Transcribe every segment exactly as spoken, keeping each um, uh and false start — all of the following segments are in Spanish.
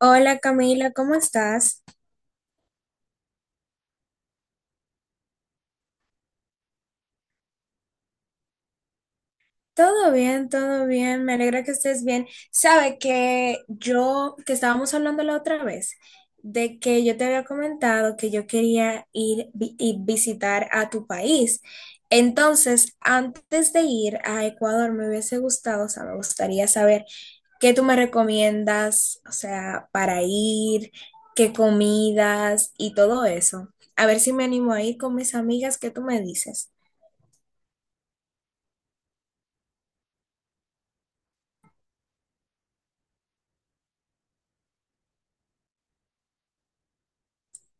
Hola Camila, ¿cómo estás? Todo bien, todo bien, me alegra que estés bien. Sabe que yo, que estábamos hablando la otra vez, de que yo te había comentado que yo quería ir vi- y visitar a tu país. Entonces, antes de ir a Ecuador, me hubiese gustado, o sea, me gustaría saber qué tú me recomiendas, o sea, para ir, qué comidas y todo eso. A ver si me animo a ir con mis amigas, ¿qué tú me dices?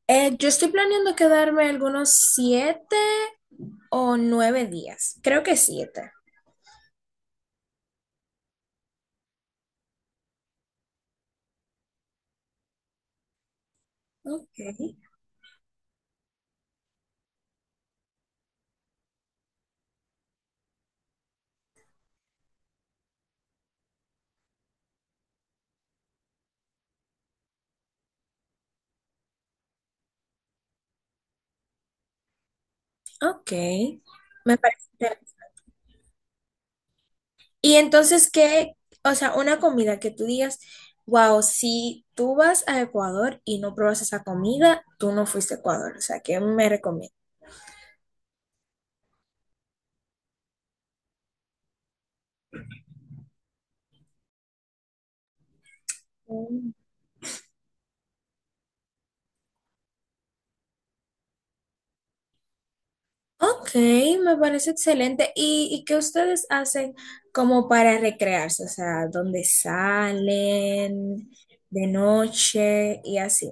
Eh, yo estoy planeando quedarme algunos siete o nueve días. Creo que siete. Ok, ok. Me parece. Interesante. Y entonces, ¿qué? O sea, una comida que tú digas, wow, si tú vas a Ecuador y no pruebas esa comida, tú no fuiste a Ecuador. O sea, ¿qué me recomiendas? Mm. Ok, me parece excelente. ¿Y, y qué ustedes hacen como para recrearse? O sea, ¿dónde salen de noche y así?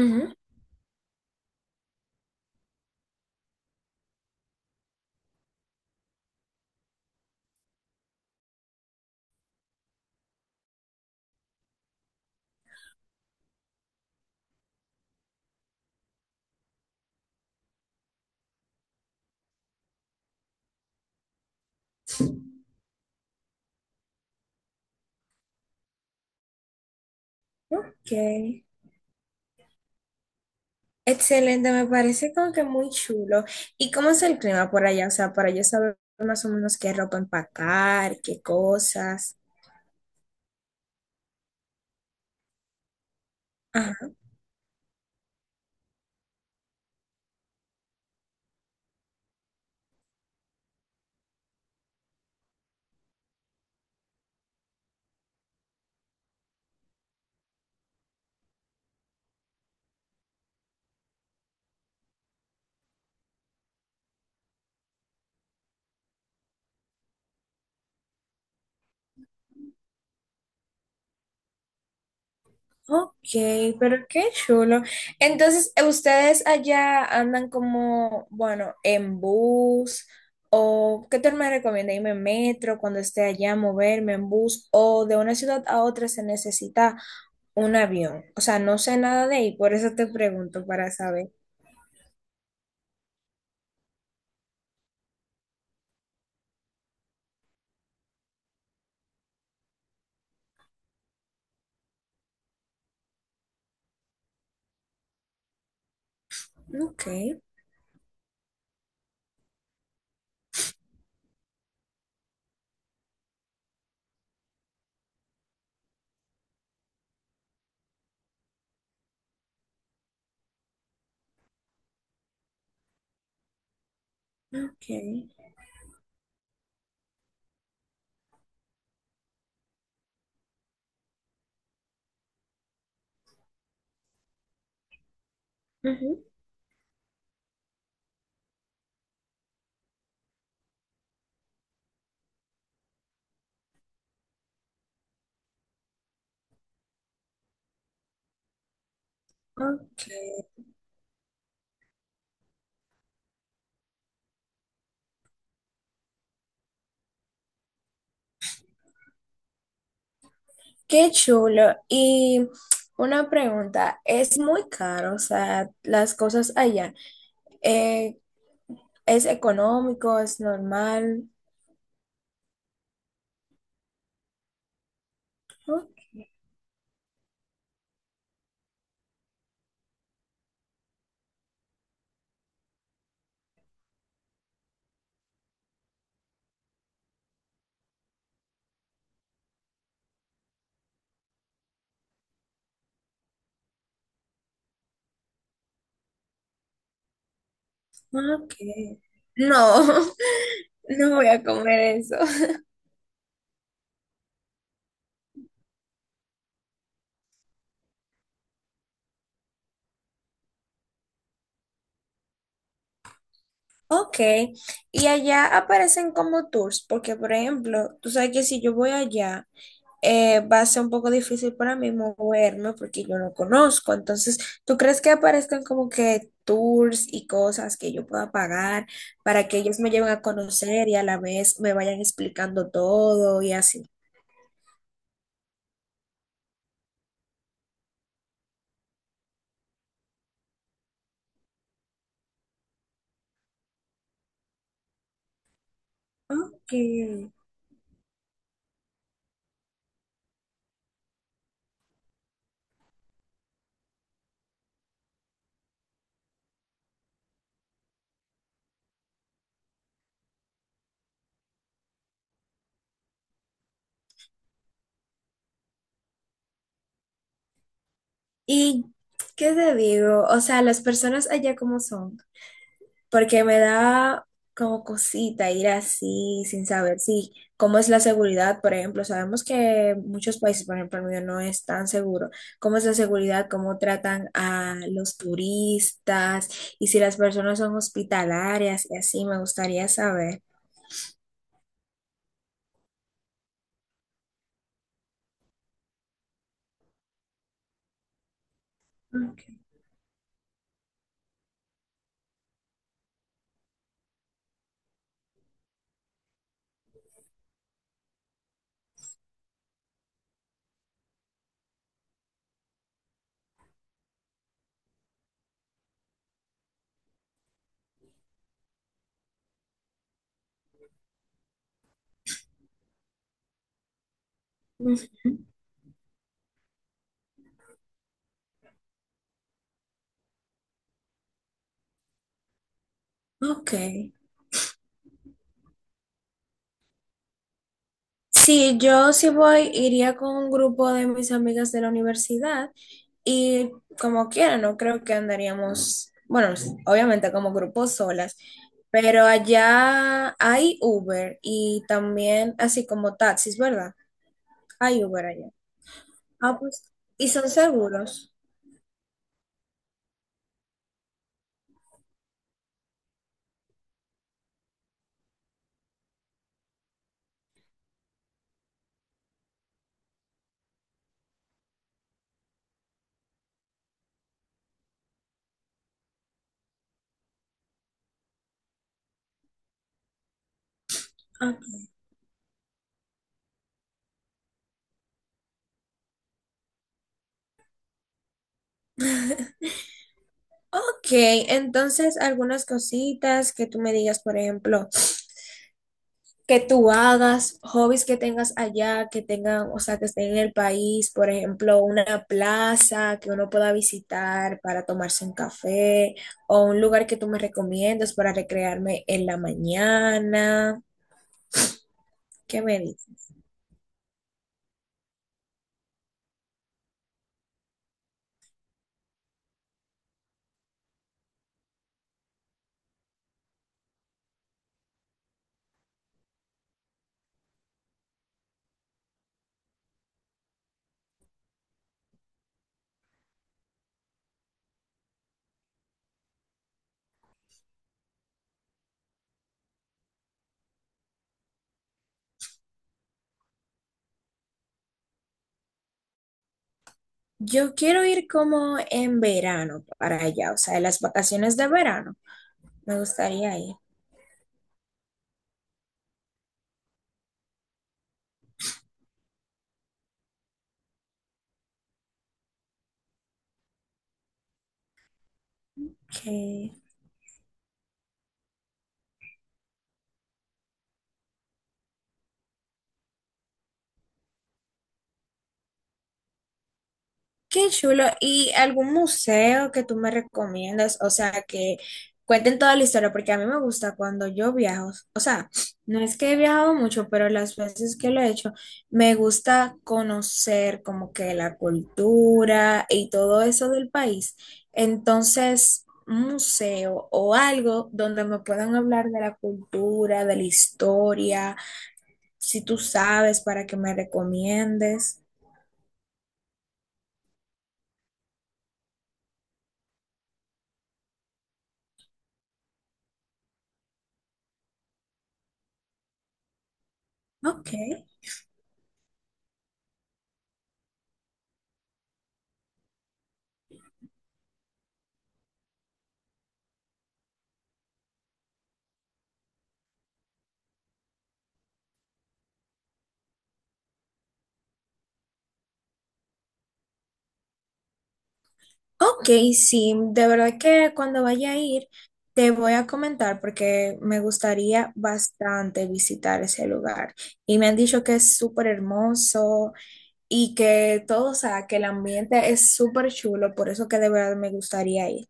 Ujú. Ok. Excelente, me parece como que muy chulo. ¿Y cómo es el clima por allá? O sea, para yo saber más o menos qué ropa empacar, qué cosas. Ajá. Ok, pero qué chulo. Entonces, ¿ustedes allá andan como, bueno, en bus? ¿O qué te me recomienda? ¿Irme en metro cuando esté allá, moverme en bus? ¿O de una ciudad a otra se necesita un avión? O sea, no sé nada de ahí, por eso te pregunto para saber. Ok. Okay. Ujú. Ok. Qué chulo. Y una pregunta, ¿es muy caro? O sea, las cosas allá, eh, ¿es económico? ¿Es normal? Oh. Ok. No, no voy a comer eso. Ok. Y allá aparecen como tours, porque por ejemplo, tú sabes que si yo voy allá, eh, va a ser un poco difícil para mí moverme porque yo no conozco. Entonces, ¿tú crees que aparezcan como que tours y cosas que yo pueda pagar para que ellos me lleven a conocer y a la vez me vayan explicando todo y así? Ok. ¿Y qué te digo? O sea, las personas allá como son, porque me da como cosita ir así sin saber si cómo es la seguridad, por ejemplo, sabemos que muchos países, por ejemplo, el mío no es tan seguro, cómo es la seguridad, cómo tratan a los turistas y si las personas son hospitalarias y así, me gustaría saber. Ok. Ok. Sí, yo sí voy, iría con un grupo de mis amigas de la universidad y como quiera, no creo que andaríamos, bueno, s- obviamente como grupos solas, pero allá hay Uber y también así como taxis, ¿verdad? Hay Uber allá. Ah, pues, y son seguros. Ah, ok, entonces algunas cositas que tú me digas, por ejemplo. que tú hagas, hobbies que tengas allá, que tengan, o sea, que estén en el país, por ejemplo, una plaza que uno pueda visitar para tomarse un café o un lugar que tú me recomiendas para recrearme en la mañana. ¿Qué me dices? Yo quiero ir como en verano para allá, o sea, en las vacaciones de verano. Me gustaría ir. ¿Qué, Qué chulo. ¿Y algún museo que tú me recomiendas? O sea, que cuenten toda la historia, porque a mí me gusta cuando yo viajo. O sea, no es que he viajado mucho, pero las veces que lo he hecho, me gusta conocer como que la cultura y todo eso del país. Entonces, un museo o algo donde me puedan hablar de la cultura, de la historia, si tú sabes, para que me recomiendes. Ok. Ok, sí, de verdad que cuando vaya a ir te voy a comentar porque me gustaría bastante visitar ese lugar. Y me han dicho que es súper hermoso y que todo, o sea, que el ambiente es súper chulo, por eso que de verdad me gustaría ir.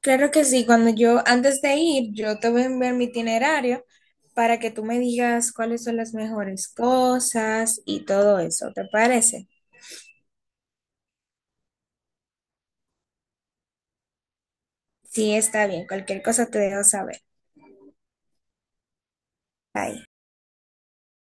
Claro que sí, cuando yo, antes de ir, yo te voy a enviar mi itinerario para que tú me digas cuáles son las mejores cosas y todo eso, ¿te parece? Sí, está bien, cualquier cosa te dejo saber. Bye.